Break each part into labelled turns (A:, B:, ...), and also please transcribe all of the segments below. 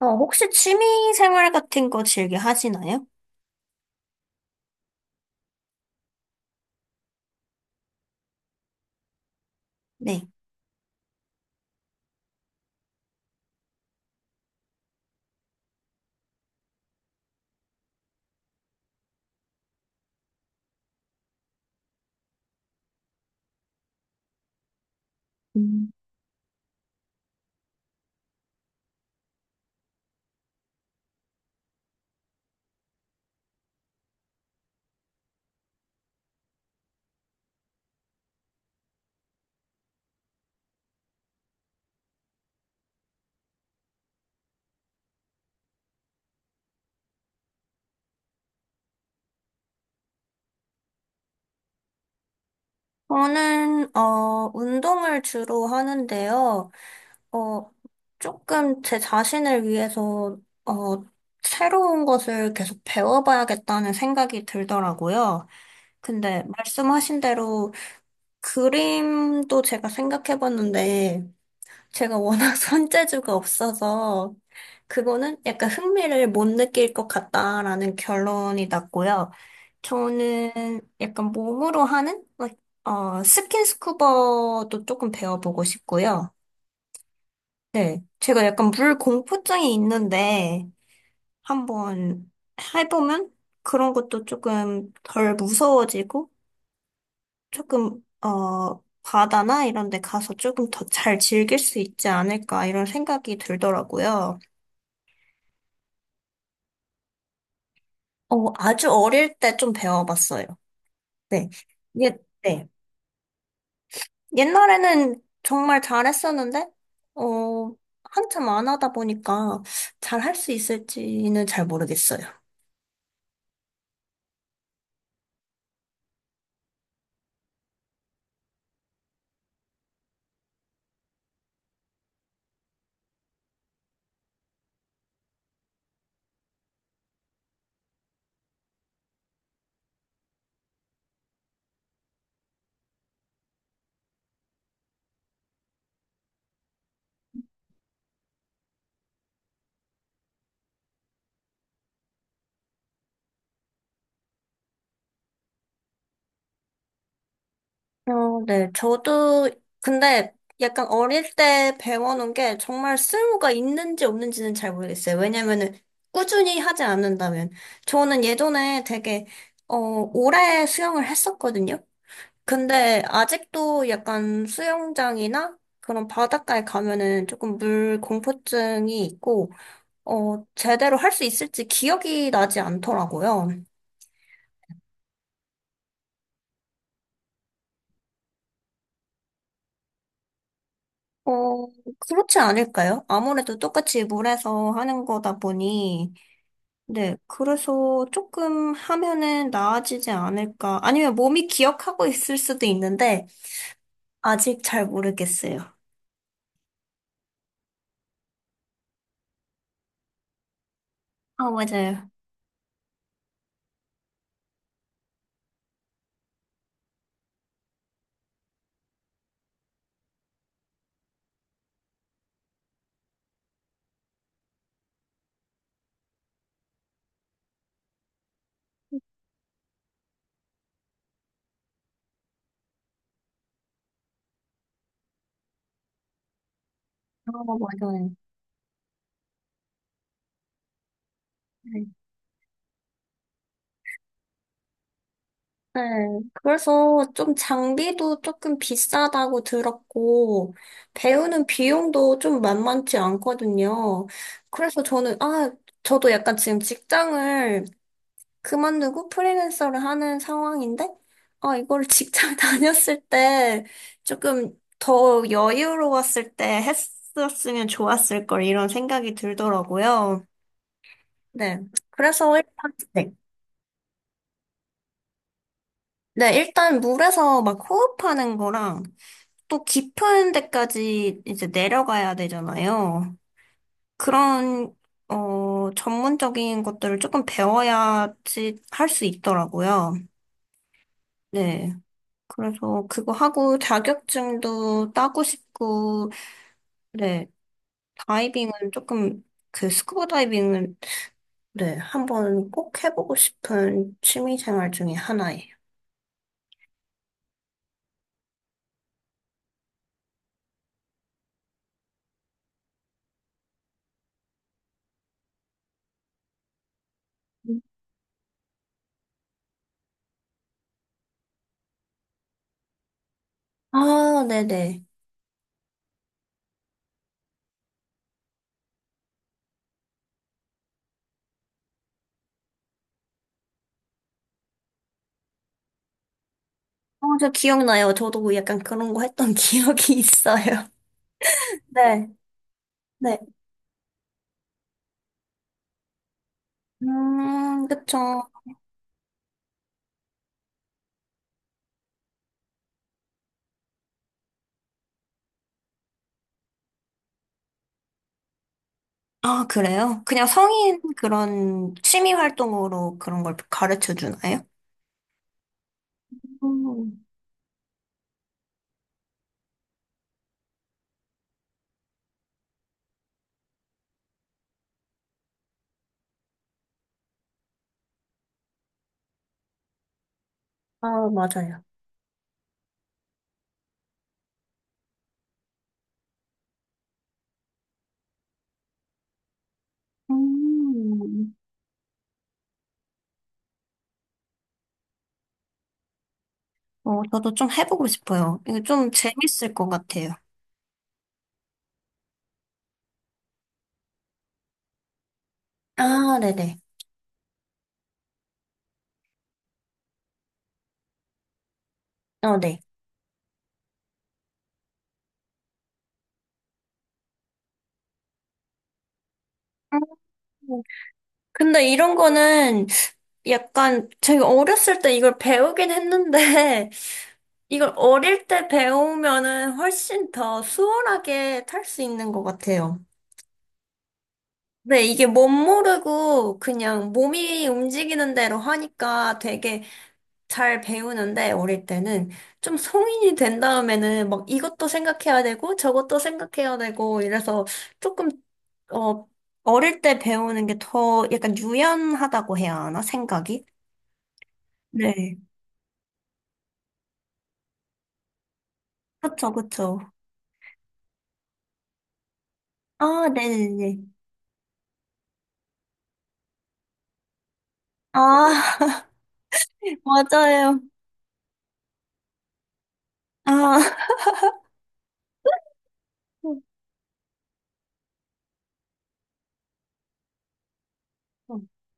A: 혹시 취미 생활 같은 거 즐겨 하시나요? 네. 음. 저는, 운동을 주로 하는데요. 어, 조금 제 자신을 위해서, 어, 새로운 것을 계속 배워봐야겠다는 생각이 들더라고요. 근데 말씀하신 대로 그림도 제가 생각해봤는데, 제가 워낙 손재주가 없어서 그거는 약간 흥미를 못 느낄 것 같다라는 결론이 났고요. 저는 약간 몸으로 하는 like, 스킨스쿠버도 조금 배워보고 싶고요. 네, 제가 약간 물 공포증이 있는데 한번 해보면 그런 것도 조금 덜 무서워지고 조금 바다나 이런 데 가서 조금 더 잘 즐길 수 있지 않을까 이런 생각이 들더라고요. 아주 어릴 때 좀 배워봤어요. 네. 예, 네. 옛날에는 정말 잘했었는데, 어, 한참 안 하다 보니까 잘할 수 있을지는 잘 모르겠어요. 어, 네. 저도, 근데 약간 어릴 때 배워놓은 게 정말 쓸모가 있는지 없는지는 잘 모르겠어요. 왜냐면은 꾸준히 하지 않는다면. 저는 예전에 되게, 오래 수영을 했었거든요. 근데 아직도 약간 수영장이나 그런 바닷가에 가면은 조금 물 공포증이 있고, 제대로 할 수 있을지 기억이 나지 않더라고요. 어, 그렇지 않을까요? 아무래도 똑같이 물에서 하는 거다 보니, 네, 그래서 조금 하면은 나아지지 않을까. 아니면 몸이 기억하고 있을 수도 있는데, 아직 잘 모르겠어요. 아, 맞아요. 아, 맞아요. 네, 그래서 좀 장비도 조금 비싸다고 들었고, 배우는 비용도 좀 만만치 않거든요. 그래서 저는, 아, 저도 약간 지금 직장을 그만두고 프리랜서를 하는 상황인데, 아, 이걸 직장 다녔을 때 조금 더 여유로웠을 때 했었으면 좋았을 걸 이런 생각이 들더라고요. 네. 그래서 일단, 네. 네, 일단 물에서 막 호흡하는 거랑 또 깊은 데까지 이제 내려가야 되잖아요. 그런, 전문적인 것들을 조금 배워야지 할 수 있더라고요. 네. 그래서 그거 하고 자격증도 따고 싶고, 네. 다이빙은 조금, 그 스쿠버 다이빙은, 네. 한번 꼭 해보고 싶은 취미 생활 중에 하나예요. 아, 네네. 어, 저 기억나요. 저도 약간 그런 거 했던 기억이 있어요. 네. 네. 그쵸. 아, 그래요? 그냥 성인 그런 취미 활동으로 그런 걸 가르쳐 주나요? 음, 아, 맞아요. 음. 어, 저도 좀 해보고 싶어요. 이거 좀 재밌을 것 같아요. 아, 네네. 어, 네. 음, 근데 이런 거는 약간 제가 어렸을 때 이걸 배우긴 했는데 이걸 어릴 때 배우면은 훨씬 더 수월하게 탈 수 있는 것 같아요. 네, 이게 멋 모르고 그냥 몸이 움직이는 대로 하니까 되게 잘 배우는데 어릴 때는 좀 성인이 된 다음에는 막 이것도 생각해야 되고 저것도 생각해야 되고 이래서 조금 어 어릴 때 배우는 게 더 약간 유연하다고 해야 하나 생각이? 네. 그쵸, 그쵸. 아, 네네네. 아, 맞아요. 아.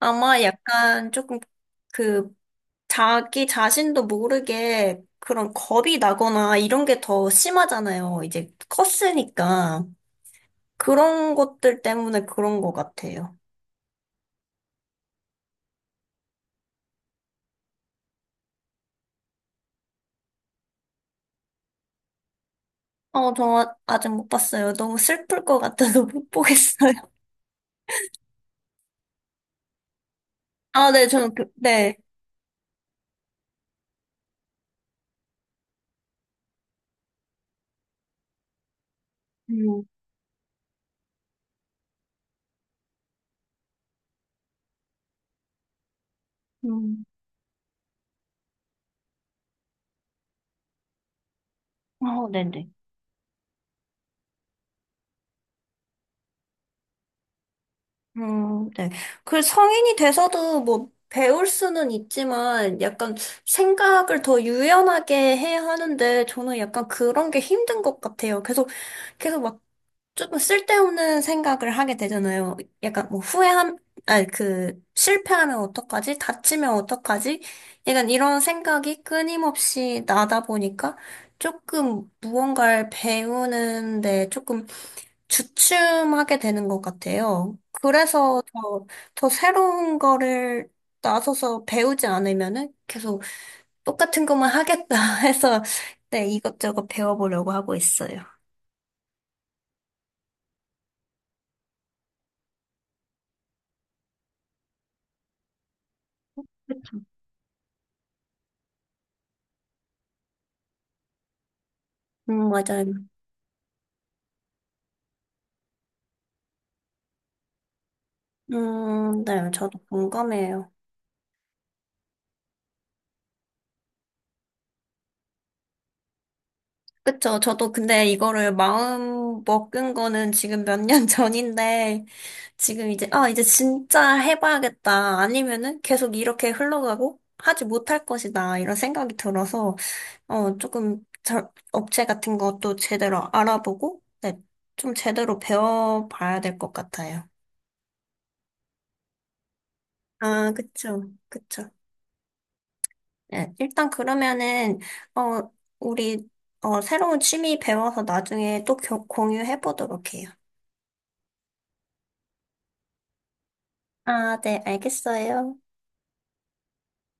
A: 아마 약간 조금 그 자기 자신도 모르게 그런 겁이 나거나 이런 게 더 심하잖아요. 이제 컸으니까. 그런 것들 때문에 그런 것 같아요. 저 아직 못 봤어요. 너무 슬플 것 같아서 못 보겠어요. 아, 네, 저는, 그, 네. 음, 음. 어, 네네. 네. 그 성인이 돼서도 뭐 배울 수는 있지만 약간 생각을 더 유연하게 해야 하는데 저는 약간 그런 게 힘든 것 같아요. 계속, 계속 막 조금 쓸데없는 생각을 하게 되잖아요. 약간 뭐 후회함, 아니 그 실패하면 어떡하지? 다치면 어떡하지? 약간 이런 생각이 끊임없이 나다 보니까 조금 무언가를 배우는데 조금 주춤하게 되는 것 같아요. 그래서 더, 더 새로운 거를 나서서 배우지 않으면은 계속 똑같은 것만 하겠다 해서 네, 이것저것 배워보려고 하고 있어요. 맞아요. 네, 저도 공감해요. 그쵸. 저도 근데 이거를 마음 먹은 거는 지금 몇 년 전인데, 지금 이제, 아, 이제 진짜 해봐야겠다. 아니면은 계속 이렇게 흘러가고 하지 못할 것이다. 이런 생각이 들어서, 조금 자, 업체 같은 것도 제대로 알아보고, 네, 좀 제대로 배워봐야 될 것 같아요. 아, 그쵸, 그쵸. 네, 일단 그러면은, 어, 우리, 새로운 취미 배워서 나중에 또 공유해보도록 해요. 아, 네, 알겠어요.